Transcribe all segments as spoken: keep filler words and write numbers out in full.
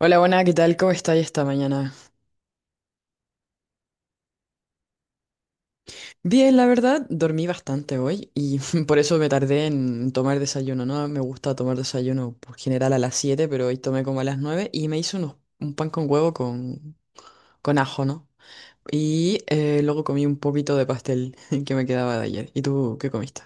Hola, buena, ¿qué tal? ¿Cómo estáis esta mañana? Bien, la verdad, dormí bastante hoy y por eso me tardé en tomar desayuno, ¿no? Me gusta tomar desayuno por general a las siete, pero hoy tomé como a las nueve y me hice unos- un pan con huevo con, con ajo, ¿no? Y eh, luego comí un poquito de pastel que me quedaba de ayer. ¿Y tú qué comiste?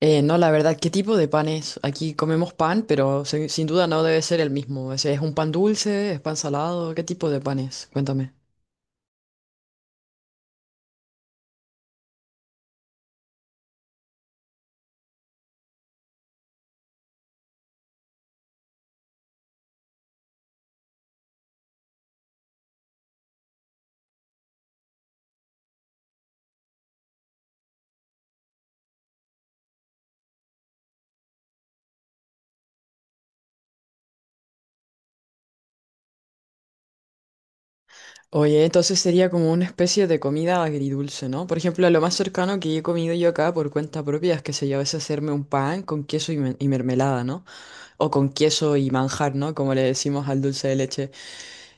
Eh, no, la verdad, ¿qué tipo de pan es? Aquí comemos pan, pero se- sin duda no debe ser el mismo. Ese, ¿es un pan dulce? ¿Es pan salado? ¿Qué tipo de pan es? Cuéntame. Oye, entonces sería como una especie de comida agridulce, ¿no? Por ejemplo, lo más cercano que he comido yo acá por cuenta propia es que se yo, a veces hacerme un pan con queso y, me- y mermelada, ¿no? O con queso y manjar, ¿no? Como le decimos al dulce de leche.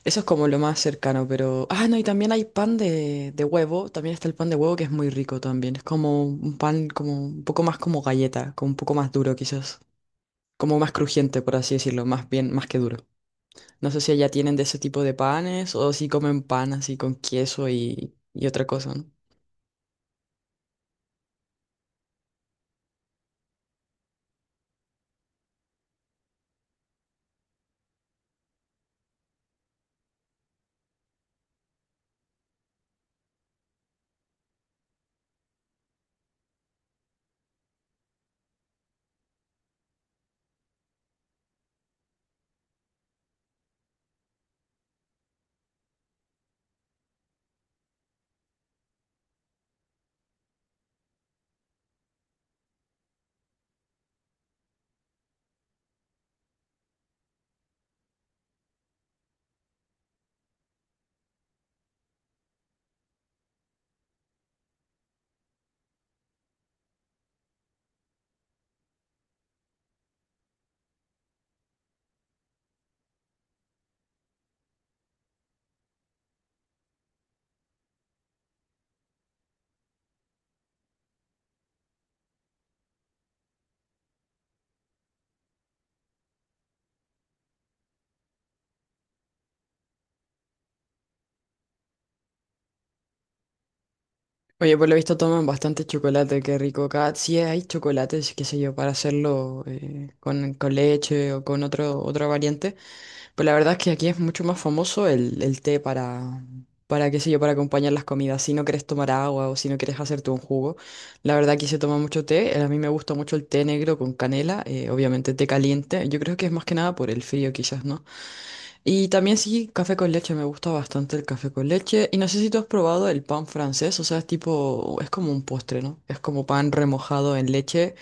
Eso es como lo más cercano, pero... Ah, no, y también hay pan de, de huevo, también está el pan de huevo que es muy rico también. Es como un pan como un poco más como galleta, como un poco más duro quizás. Como más crujiente, por así decirlo, más bien, más que duro. No sé si allá tienen de ese tipo de panes o si comen pan así con queso y, y otra cosa, ¿no? Oye, por lo visto toman bastante chocolate, qué rico acá. Sí hay chocolates, qué sé yo, para hacerlo eh, con, con leche o con otro, otra variante. Pero la verdad es que aquí es mucho más famoso el, el té para, para, qué sé yo, para acompañar las comidas. Si no quieres tomar agua o si no quieres hacerte un jugo, la verdad aquí se toma mucho té. Eh, A mí me gusta mucho el té negro con canela, eh, obviamente té caliente. Yo creo que es más que nada por el frío quizás, ¿no? Y también sí, café con leche, me gusta bastante el café con leche. Y no sé si tú has probado el pan francés, o sea, es tipo, es como un postre, ¿no? Es como pan remojado en leche.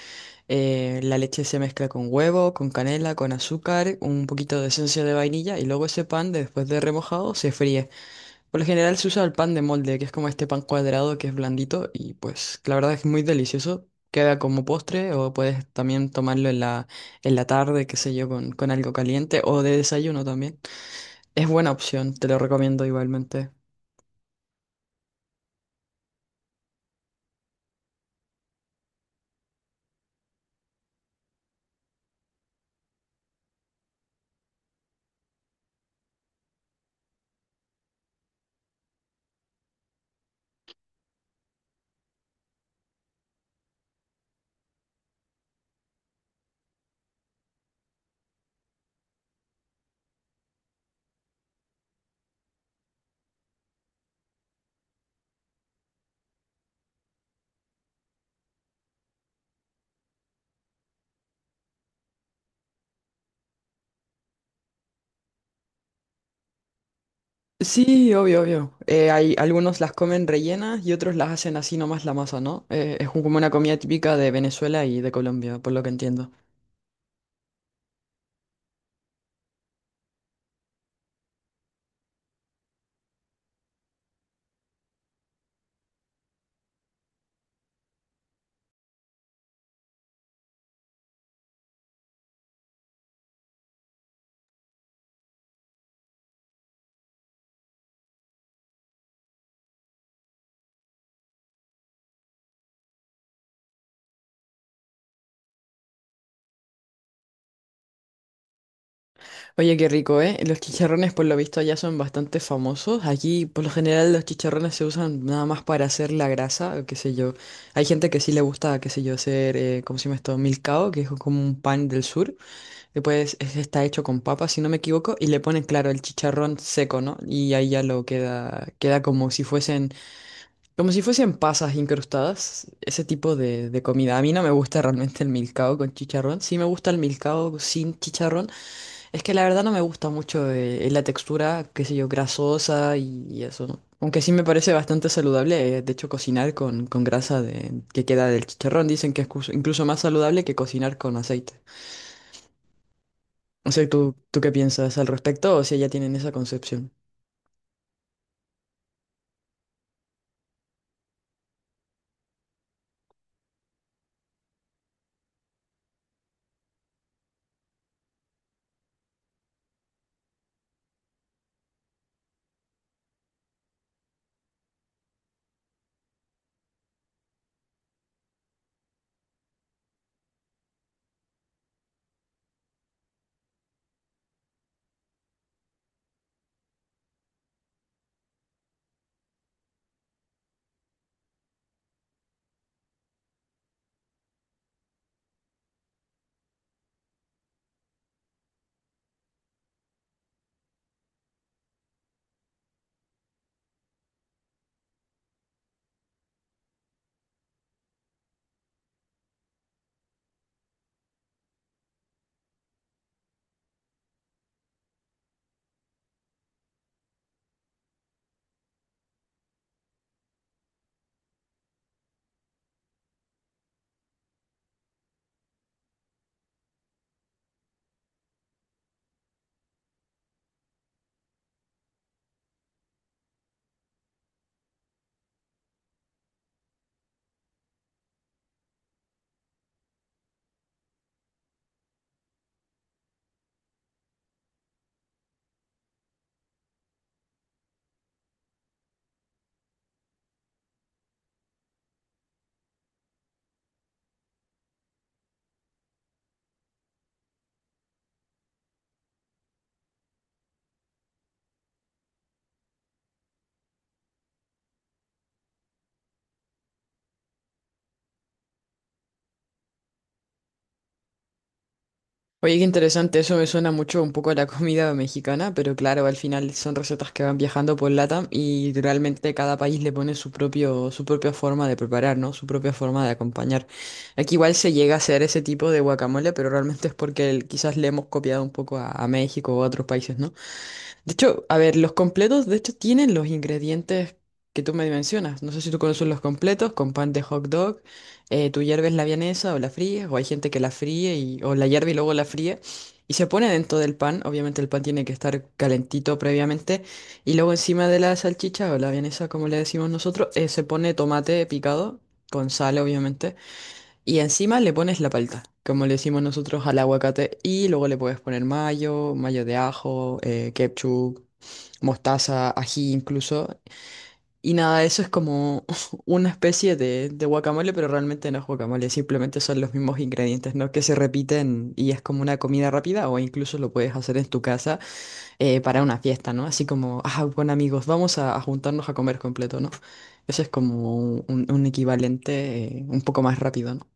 eh, La leche se mezcla con huevo, con canela, con azúcar, un poquito de esencia de vainilla y luego ese pan, después de remojado, se fríe. Por lo general se usa el pan de molde, que es como este pan cuadrado que es blandito y pues la verdad es muy delicioso. Queda como postre o puedes también tomarlo en la, en la tarde, qué sé yo, con, con algo caliente o de desayuno también. Es buena opción, te lo recomiendo igualmente. Sí, obvio, obvio. Eh, hay algunos las comen rellenas y otros las hacen así nomás la masa, ¿no? Eh, es un- como una comida típica de Venezuela y de Colombia, por lo que entiendo. Oye, qué rico, ¿eh? Los chicharrones por lo visto allá son bastante famosos. Aquí por lo general los chicharrones se usan nada más para hacer la grasa, o qué sé yo. Hay gente que sí le gusta, qué sé yo, hacer, eh, ¿cómo se llama esto? Milcao, que es como un pan del sur. Después es- está hecho con papa, si no me equivoco, y le ponen, claro, el chicharrón seco, ¿no? Y ahí ya lo queda, queda como si fuesen, como si fuesen pasas incrustadas, ese tipo de, de comida. A mí no me gusta realmente el milcao con chicharrón. Sí me gusta el milcao sin chicharrón. Es que la verdad no me gusta mucho eh, la textura, qué sé yo, grasosa y, y eso, ¿no? Aunque sí me parece bastante saludable, eh, de hecho, cocinar con, con grasa de, que queda del chicharrón. Dicen que es cus- incluso más saludable que cocinar con aceite. No sé, ¿tú, tú qué piensas al respecto o si ya tienen esa concepción? Oye, qué interesante, eso me suena mucho un poco a la comida mexicana, pero claro, al final son recetas que van viajando por LATAM y realmente cada país le pone su propio, su propia forma de preparar, ¿no? Su propia forma de acompañar. Aquí igual se llega a hacer ese tipo de guacamole, pero realmente es porque el- quizás le hemos copiado un poco a, a México o a otros países, ¿no? De hecho, a ver, los completos, de hecho, tienen los ingredientes que tú me mencionas. No sé si tú conoces los completos con pan de hot dog. Eh, tú hierves la vienesa o la fríes, o hay gente que la fríe y, o la hierve y luego la fríe. Y se pone dentro del pan. Obviamente el pan tiene que estar calentito previamente. Y luego encima de la salchicha o la vienesa, como le decimos nosotros, eh, se pone tomate picado con sal, obviamente. Y encima le pones la palta, como le decimos nosotros al aguacate. Y luego le puedes poner mayo, mayo de ajo, eh, ketchup, mostaza, ají incluso. Y nada, eso es como una especie de, de guacamole, pero realmente no es guacamole, simplemente son los mismos ingredientes, ¿no? Que se repiten y es como una comida rápida o incluso lo puedes hacer en tu casa eh, para una fiesta, ¿no? Así como, ah, bueno amigos, vamos a, a juntarnos a comer completo, ¿no? Eso es como un, un equivalente eh, un poco más rápido, ¿no?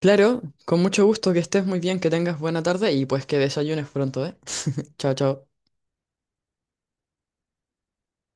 Claro, con mucho gusto, que estés muy bien, que tengas buena tarde y pues que desayunes pronto, ¿eh? Chao, chao.